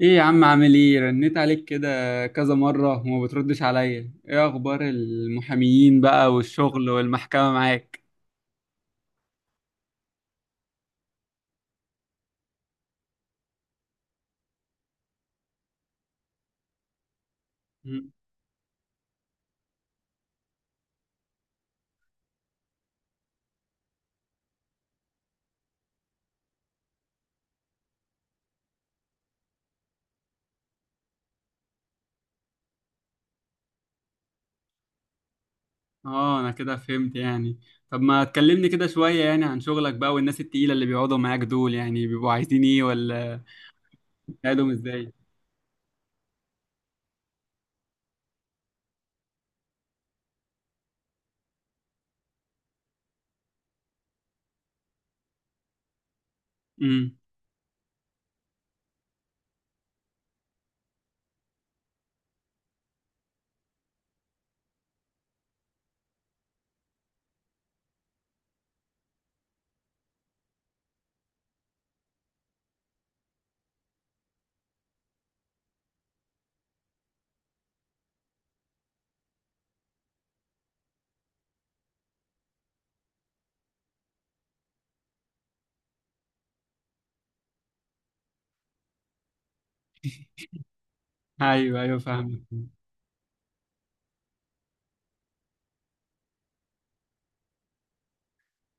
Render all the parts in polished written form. ايه يا عم، عامل ايه؟ رنيت عليك كده كذا مرة وما بتردش عليا. ايه اخبار المحاميين بقى والشغل والمحكمة معاك؟ مم. اه، انا كده فهمت يعني. طب ما تكلمني كده شوية يعني عن شغلك بقى، والناس التقيلة اللي بيقعدوا معاك دول يعني بيبقوا عايزين ايه؟ ولا بتساعدهم ازاي؟ امم. ايوه، ايوه، فاهمك.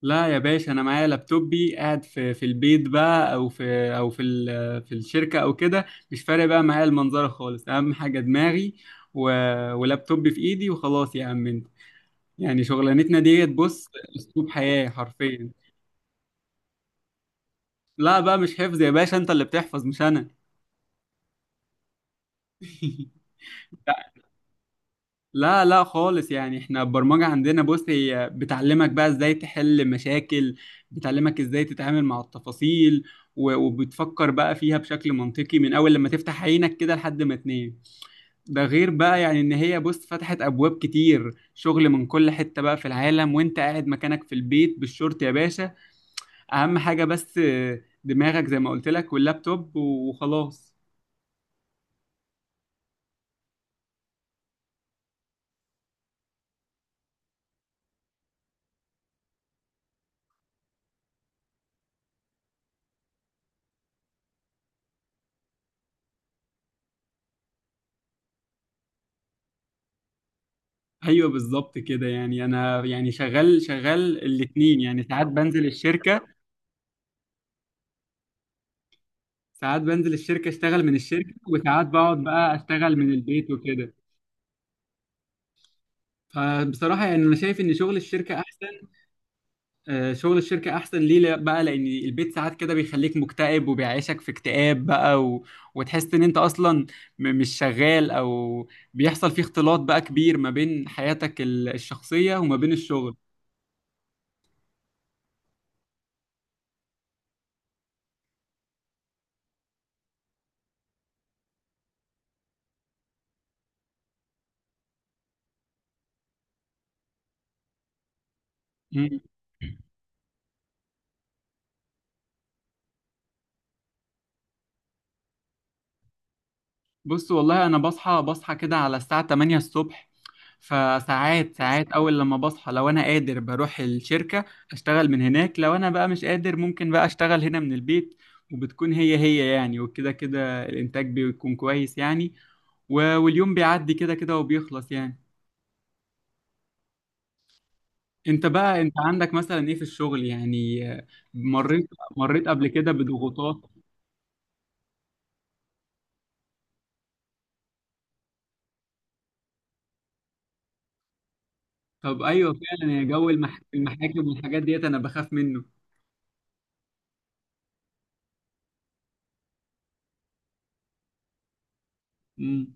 لا يا باشا، انا معايا لابتوبي قاعد في البيت بقى، او في او في الشركه، او كده. مش فارق بقى معايا المنظره خالص، اهم حاجه دماغي و... ولابتوبي في ايدي، وخلاص يا عم انت. يعني شغلانتنا ديت بص. اسلوب حياه حرفيا. لا بقى، مش حفظ يا باشا، انت اللي بتحفظ مش انا. لا، لا، خالص. يعني احنا البرمجة عندنا بص، هي بتعلمك بقى ازاي تحل مشاكل. بتعلمك ازاي تتعامل مع التفاصيل. وبتفكر بقى فيها بشكل منطقي من اول لما تفتح عينك كده لحد ما تنام. ده غير بقى يعني ان هي بص فتحت ابواب كتير شغل من كل حتة بقى في العالم، وانت قاعد مكانك في البيت بالشورت يا باشا. اهم حاجة بس، دماغك زي ما قلت لك، واللابتوب وخلاص. ايوه بالظبط كده، يعني انا يعني شغال شغال الاتنين، يعني ساعات بنزل الشركة. ساعات بنزل الشركة اشتغل من الشركة، وساعات بقعد بقى اشتغل من البيت وكده. فبصراحة يعني انا شايف ان شغل الشركة احسن. شغل الشركة احسن ليه؟ بقى لان البيت ساعات كده بيخليك مكتئب، وبيعيشك في اكتئاب بقى وتحس ان انت اصلا مش شغال، او بيحصل فيه اختلاط بقى كبير ما بين حياتك الشخصية وما بين الشغل. مم. بص والله انا بصحى كده على الساعة 8 الصبح. فساعات ساعات اول لما بصحى، لو انا قادر بروح الشركة اشتغل من هناك، لو انا بقى مش قادر ممكن بقى اشتغل هنا من البيت. وبتكون هي هي يعني، وكده كده الانتاج بيكون كويس يعني. واليوم بيعدي كده كده وبيخلص يعني. انت بقى انت عندك مثلا ايه في الشغل يعني؟ مريت مريت قبل كده بضغوطات؟ طب ايوه فعلا يا جو، المحاكم والحاجات ديت انا بخاف منه. امم.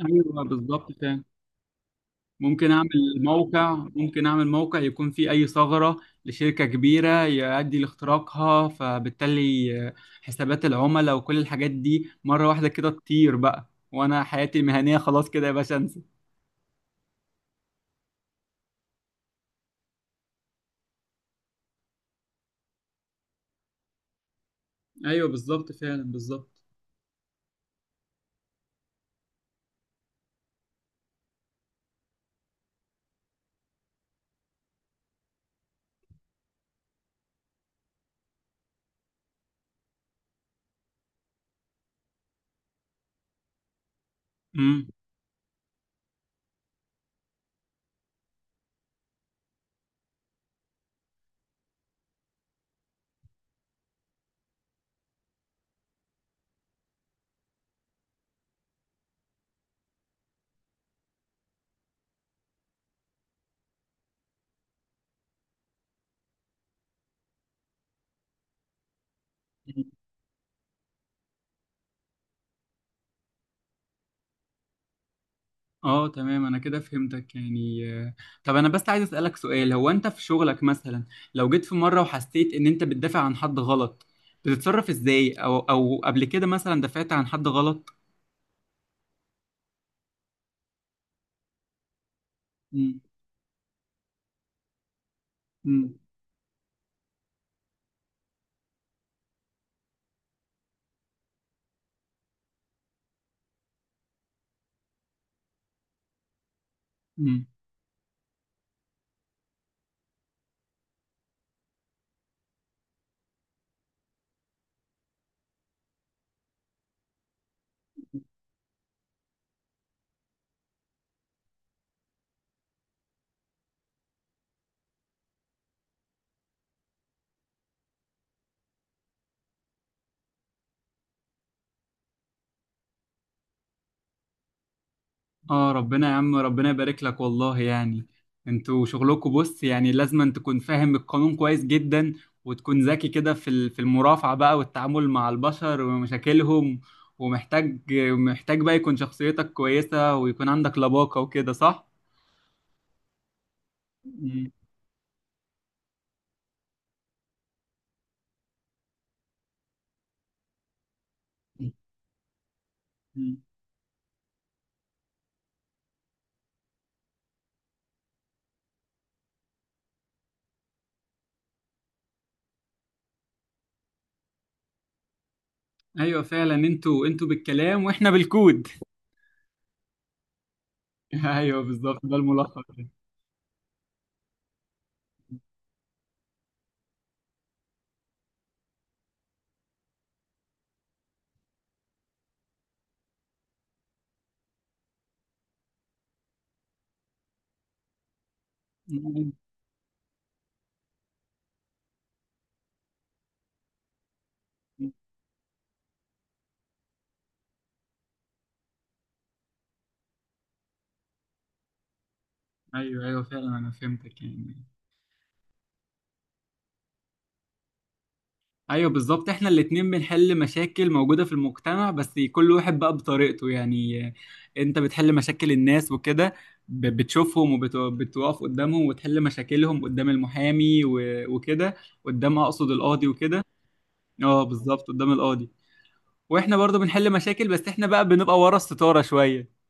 ايوه بالظبط فعلا. ممكن اعمل ممكن اعمل موقع يكون فيه اي ثغرة لشركة كبيرة يؤدي لاختراقها، فبالتالي حسابات العملاء وكل الحاجات دي مرة واحدة كده تطير بقى، وانا حياتي المهنية خلاص كده يا باشا، انسى. ايوه بالظبط فعلا، بالظبط. امم. اه تمام، انا كده فهمتك يعني. طب انا بس عايز اسالك سؤال. هو انت في شغلك مثلا، لو جيت في مره وحسيت ان انت بتدافع عن حد غلط، بتتصرف ازاي؟ او قبل كده مثلا دافعت عن حد غلط؟ مم. مم. اه ربنا يا عم، ربنا يبارك لك والله يعني. انتوا شغلكم بص يعني لازم أن تكون فاهم القانون كويس جدا، وتكون ذكي كده في المرافعة بقى، والتعامل مع البشر ومشاكلهم. ومحتاج، محتاج بقى يكون شخصيتك كويسة، ويكون عندك لباقة وكده، صح؟ مم. مم. ايوه فعلا، انتوا بالكلام واحنا بالكود. ايوه بالظبط، ده الملخص. ايوه ايوه فعلا، انا فهمتك يعني. ايوه بالظبط، احنا الاتنين بنحل مشاكل موجودة في المجتمع، بس كل واحد بقى بطريقته يعني. انت بتحل مشاكل الناس وكده، بتشوفهم، وبتقف قدامهم وتحل مشاكلهم قدام المحامي وكده. قدام، اقصد القاضي وكده. اه بالظبط قدام القاضي. واحنا برضو بنحل مشاكل، بس احنا بقى بنبقى ورا الستارة شوية.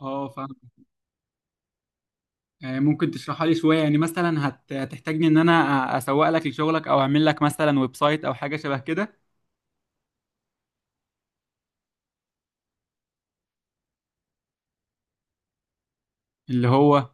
اه فاهم. ممكن تشرحها لي شوية يعني؟ مثلا هتحتاجني ان انا اسوق لك لشغلك، او اعمل لك مثلا ويب سايت، او حاجة شبه كده؟ اللي هو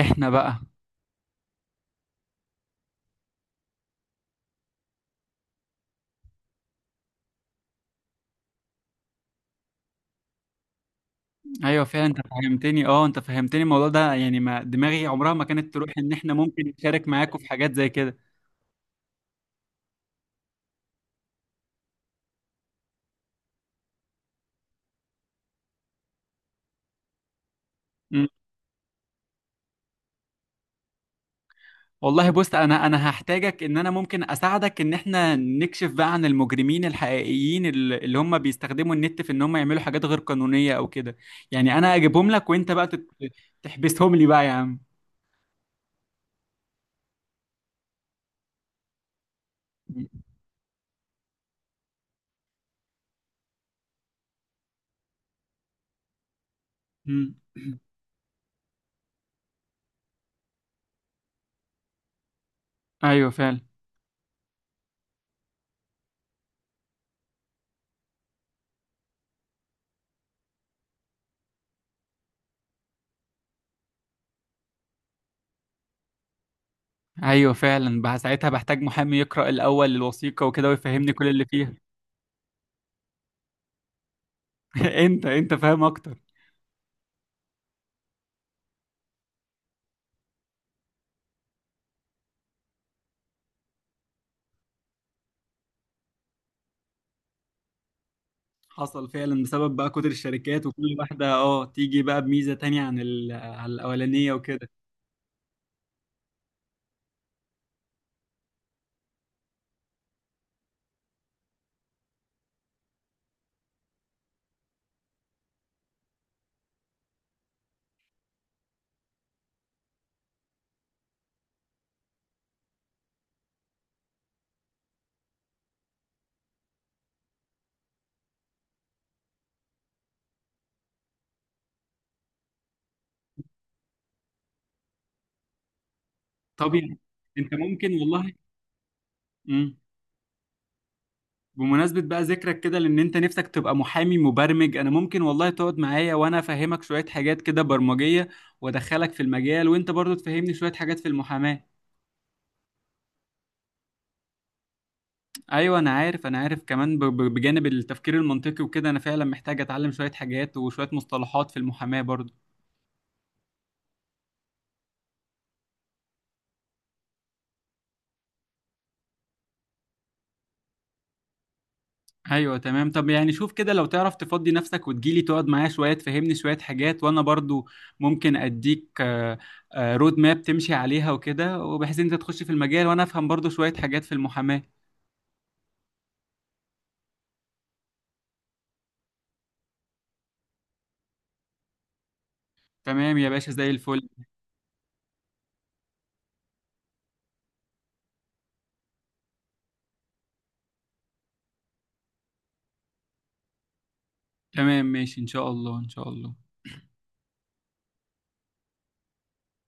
احنا بقى. ايوه فعلا، انت فهمتني الموضوع ده، يعني ما دماغي عمرها ما كانت تروح ان احنا ممكن نشارك معاكم في حاجات زي كده. مم. والله بص، انا هحتاجك ان انا ممكن اساعدك ان احنا نكشف بقى عن المجرمين الحقيقيين اللي هم بيستخدموا النت في ان هم يعملوا حاجات غير قانونية او كده. يعني انا اجيبهم لك، وانت بقى تحبسهم لي بقى يا عم. مم. ايوه فعلا، ايوه فعلا. بقى ساعتها بحتاج محامي يقرأ الاول الوثيقة وكده، ويفهمني كل اللي فيها. انت فاهم اكتر. حصل فعلا بسبب بقى كتر الشركات، وكل واحدة تيجي بقى بميزة تانية عن ال... آه عن الأولانية وكده. طب يعني انت ممكن والله. مم. بمناسبة بقى ذكرك كده، لأن انت نفسك تبقى محامي مبرمج، أنا ممكن والله تقعد معايا وأنا أفهمك شوية حاجات كده برمجية، وأدخلك في المجال، وأنت برضو تفهمني شوية حاجات في المحاماة. أيوة أنا عارف أنا عارف كمان، بجانب التفكير المنطقي وكده أنا فعلا محتاج أتعلم شوية حاجات وشوية مصطلحات في المحاماة برضو. ايوه تمام. طب يعني شوف كده، لو تعرف تفضي نفسك وتجيلي تقعد معايا شويه تفهمني شويه حاجات، وانا برضو ممكن اديك رود ماب تمشي عليها وكده، وبحيث انت تخش في المجال وانا افهم برضو شويه حاجات في المحاماه. تمام يا باشا، زي الفل. تمام ماشي، ان شاء الله ان شاء الله.